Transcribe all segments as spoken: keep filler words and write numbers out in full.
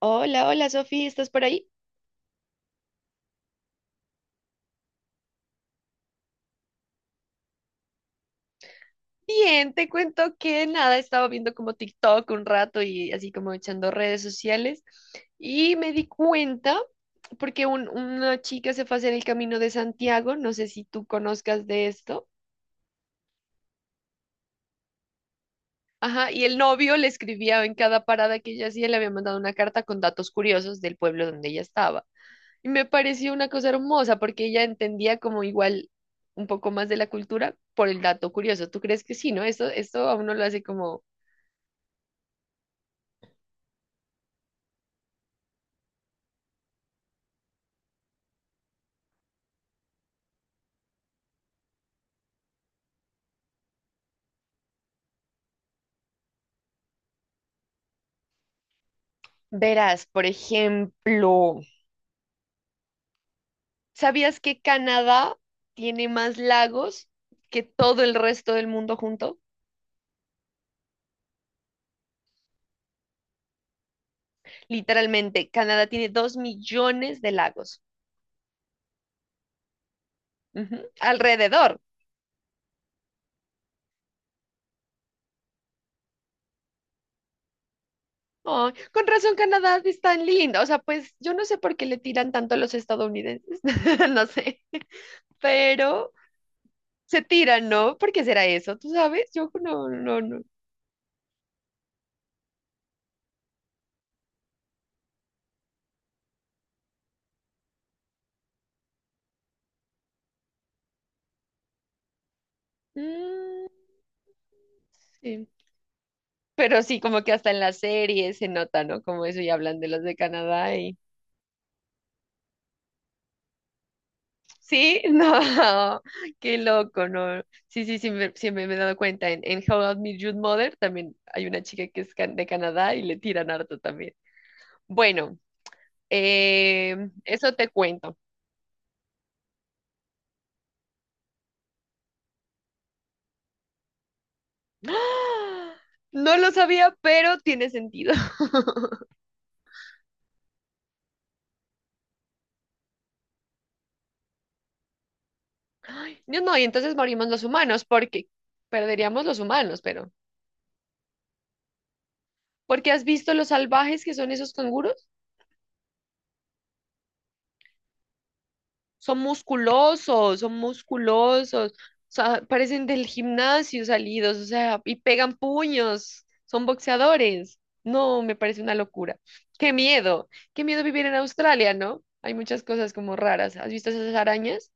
Hola, hola Sofía, ¿estás por ahí? Bien, te cuento que nada, estaba viendo como TikTok un rato y así como echando redes sociales y me di cuenta porque un- una chica se fue a hacer el Camino de Santiago, no sé si tú conozcas de esto, ajá, y el novio le escribía en cada parada que ella hacía, le había mandado una carta con datos curiosos del pueblo donde ella estaba. Y me pareció una cosa hermosa porque ella entendía como igual un poco más de la cultura por el dato curioso. ¿Tú crees que sí, no? Esto, esto a uno lo hace como... Verás, por ejemplo, ¿sabías que Canadá tiene más lagos que todo el resto del mundo junto? Literalmente, Canadá tiene dos millones de lagos. Ujú, alrededor. Ay, con razón, Canadá es tan lindo. O sea, pues yo no sé por qué le tiran tanto a los estadounidenses, no sé, pero se tiran, ¿no? ¿Por qué será eso? ¿Tú sabes? Yo no, no, no. Mm, sí. Pero sí, como que hasta en las series se nota, ¿no? Como eso, y hablan de los de Canadá y... Sí, no, qué loco, ¿no? Sí, sí, sí, me- siempre me he dado cuenta. En, en How I Met Your Mother también hay una chica que es can- de Canadá y le tiran harto también. Bueno, eh, eso te cuento. ¡Ah! No lo sabía, pero tiene sentido. No, no, y entonces morimos los humanos porque perderíamos los humanos, pero... ¿Porque has visto los salvajes que son esos canguros? Son musculosos, son musculosos, o sea, parecen del gimnasio salidos, o sea, y pegan puños, son boxeadores. No, me parece una locura. Qué miedo, qué miedo vivir en Australia, ¿no? Hay muchas cosas como raras. ¿Has visto esas arañas?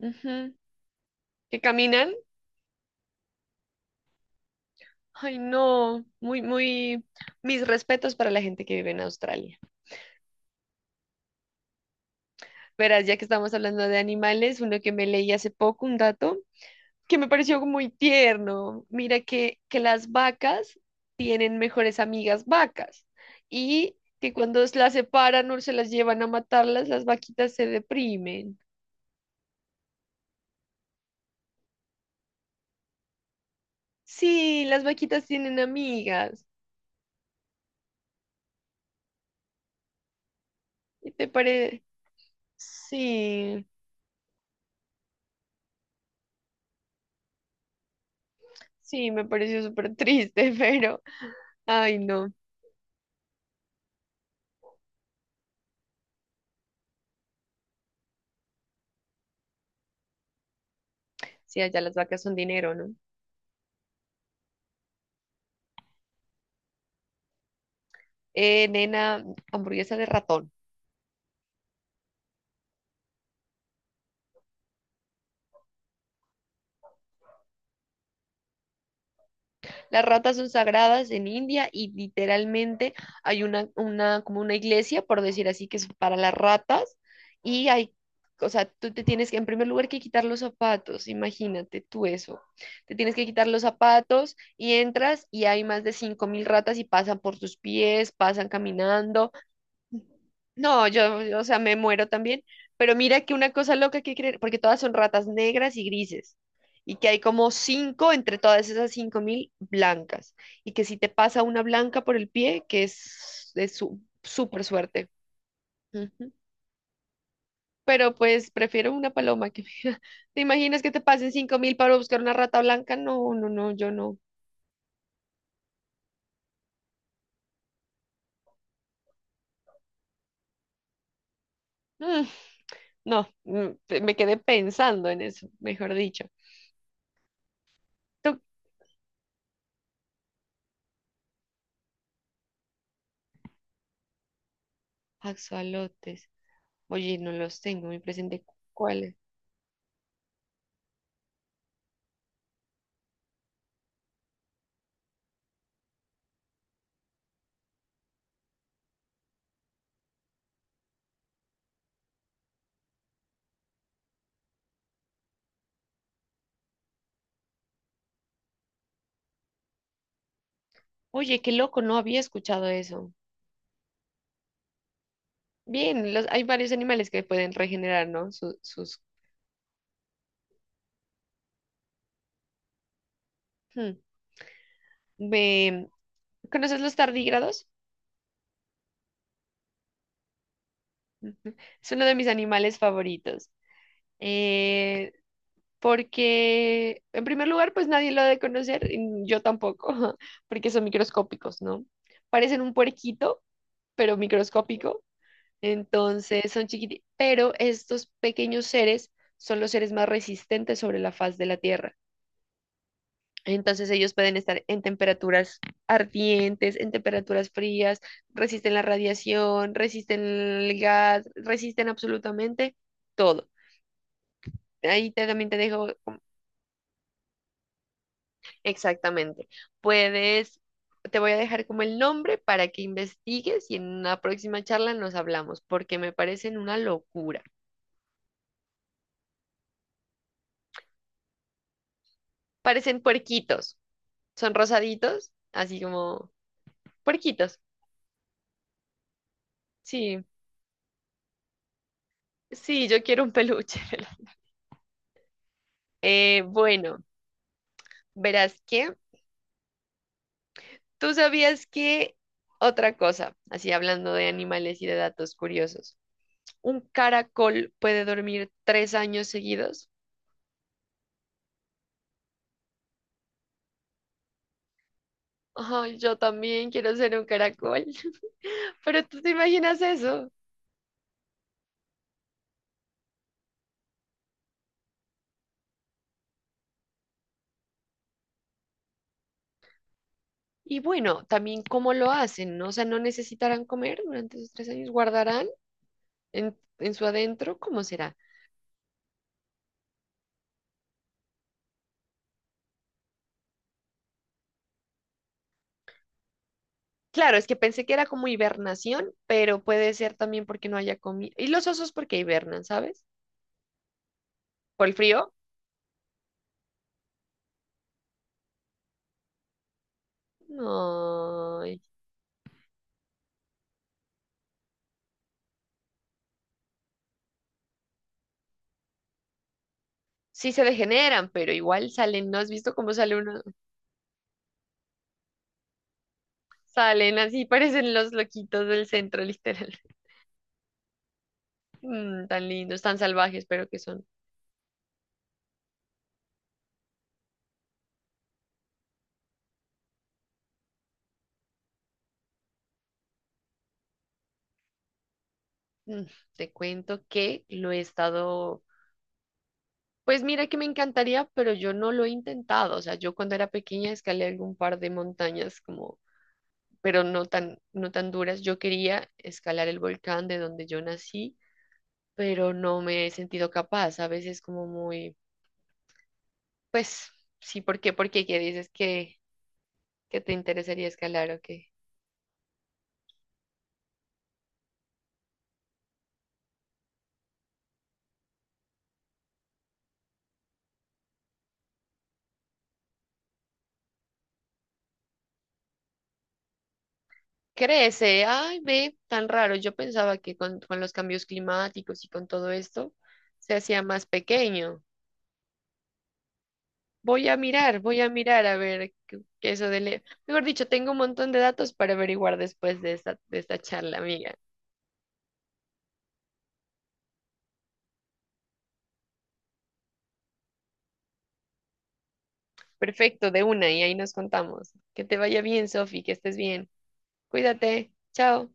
Ujú, que caminan. Ay, no, muy, muy, mis respetos para la gente que vive en Australia. Verás, ya que estamos hablando de animales, uno que me leí hace poco, un dato, que me pareció muy tierno. Mira que, que las vacas tienen mejores amigas vacas y que cuando las separan o se las llevan a matarlas, las vaquitas se deprimen. Sí, las vaquitas tienen amigas. ¿Y te parece? Sí, sí, me pareció súper triste, pero, ay, no. Sí, allá las vacas son dinero, ¿no? Eh, nena, hamburguesa de ratón. Las ratas son sagradas en India y literalmente hay una, una, como una iglesia, por decir así, que es para las ratas y hay... O sea, tú te tienes que, en primer lugar, que quitar los zapatos, imagínate tú eso. Te tienes que quitar los zapatos y entras y hay más de cinco mil ratas y pasan por tus pies, pasan caminando, no, yo, yo, o sea, me muero también. Pero mira que una cosa loca que creen, porque todas son ratas negras y grises, y que hay como cinco entre todas esas cinco mil blancas, y que si te pasa una blanca por el pie, que es, es su- súper suerte. Ujú. Pero pues prefiero una paloma que... ¿Te imaginas que te pasen cinco mil para buscar una rata blanca? No, no, no, yo no. Mm, no, mm, pe- me quedé pensando en eso, mejor dicho. Tú... Axolotes. Oye, no los tengo muy presente. ¿Cuáles? Oye, qué loco, no había escuchado eso. Bien, los, hay varios animales que pueden regenerar, ¿no? Su- sus... Hmm. Ve, ¿conoces los tardígrados? Ujú. Es uno de mis animales favoritos. Eh, porque, en primer lugar, pues nadie lo ha de conocer, y yo tampoco, porque son microscópicos, ¿no? Parecen un puerquito, pero microscópico. Entonces son chiquititos, pero estos pequeños seres son los seres más resistentes sobre la faz de la Tierra. Entonces ellos pueden estar en temperaturas ardientes, en temperaturas frías, resisten la radiación, resisten el gas, resisten absolutamente todo. Ahí te- también te dejo como... exactamente. Puedes, te voy a dejar como el nombre para que investigues y en una próxima charla nos hablamos, porque me parecen una locura. Parecen puerquitos. Son rosaditos, así como puerquitos. Sí, sí, yo quiero un peluche. Vela. Eh, bueno, verás que tú sabías que otra cosa, así hablando de animales y de datos curiosos, un caracol puede dormir tres años seguidos. Ay, yo también quiero ser un caracol, pero tú te imaginas eso. Y bueno, también cómo lo hacen, ¿no? O sea, no necesitarán comer durante esos tres años, guardarán en, en su adentro, ¿cómo será? Claro, es que pensé que era como hibernación, pero puede ser también porque no haya comido. Y los osos porque hibernan, ¿sabes? ¿Por el frío? No. Sí se degeneran, pero igual salen. ¿No has visto cómo sale uno? Salen así, parecen los loquitos del centro, literal. Mm, tan lindos, tan salvajes, pero que son. Mm, te cuento que lo he estado. Pues mira que me encantaría, pero yo no lo he intentado. O sea, yo cuando era pequeña escalé algún par de montañas como... pero no tan, no tan duras. Yo quería escalar el volcán de donde yo nací, pero no me he sentido capaz. A veces como muy, pues, sí, ¿por qué? ¿Por qué? ¿Qué dices que, que te interesaría escalar o qué? Crece, ay, ve, tan raro. Yo pensaba que con, con los cambios climáticos y con todo esto se hacía más pequeño. Voy a mirar, voy a mirar a ver qué qué eso de... le- Mejor dicho, tengo un montón de datos para averiguar después de esta, de esta charla, amiga. Perfecto, de una, y ahí nos contamos. Que te vaya bien, Sofi, que estés bien. Cuídate. Chao.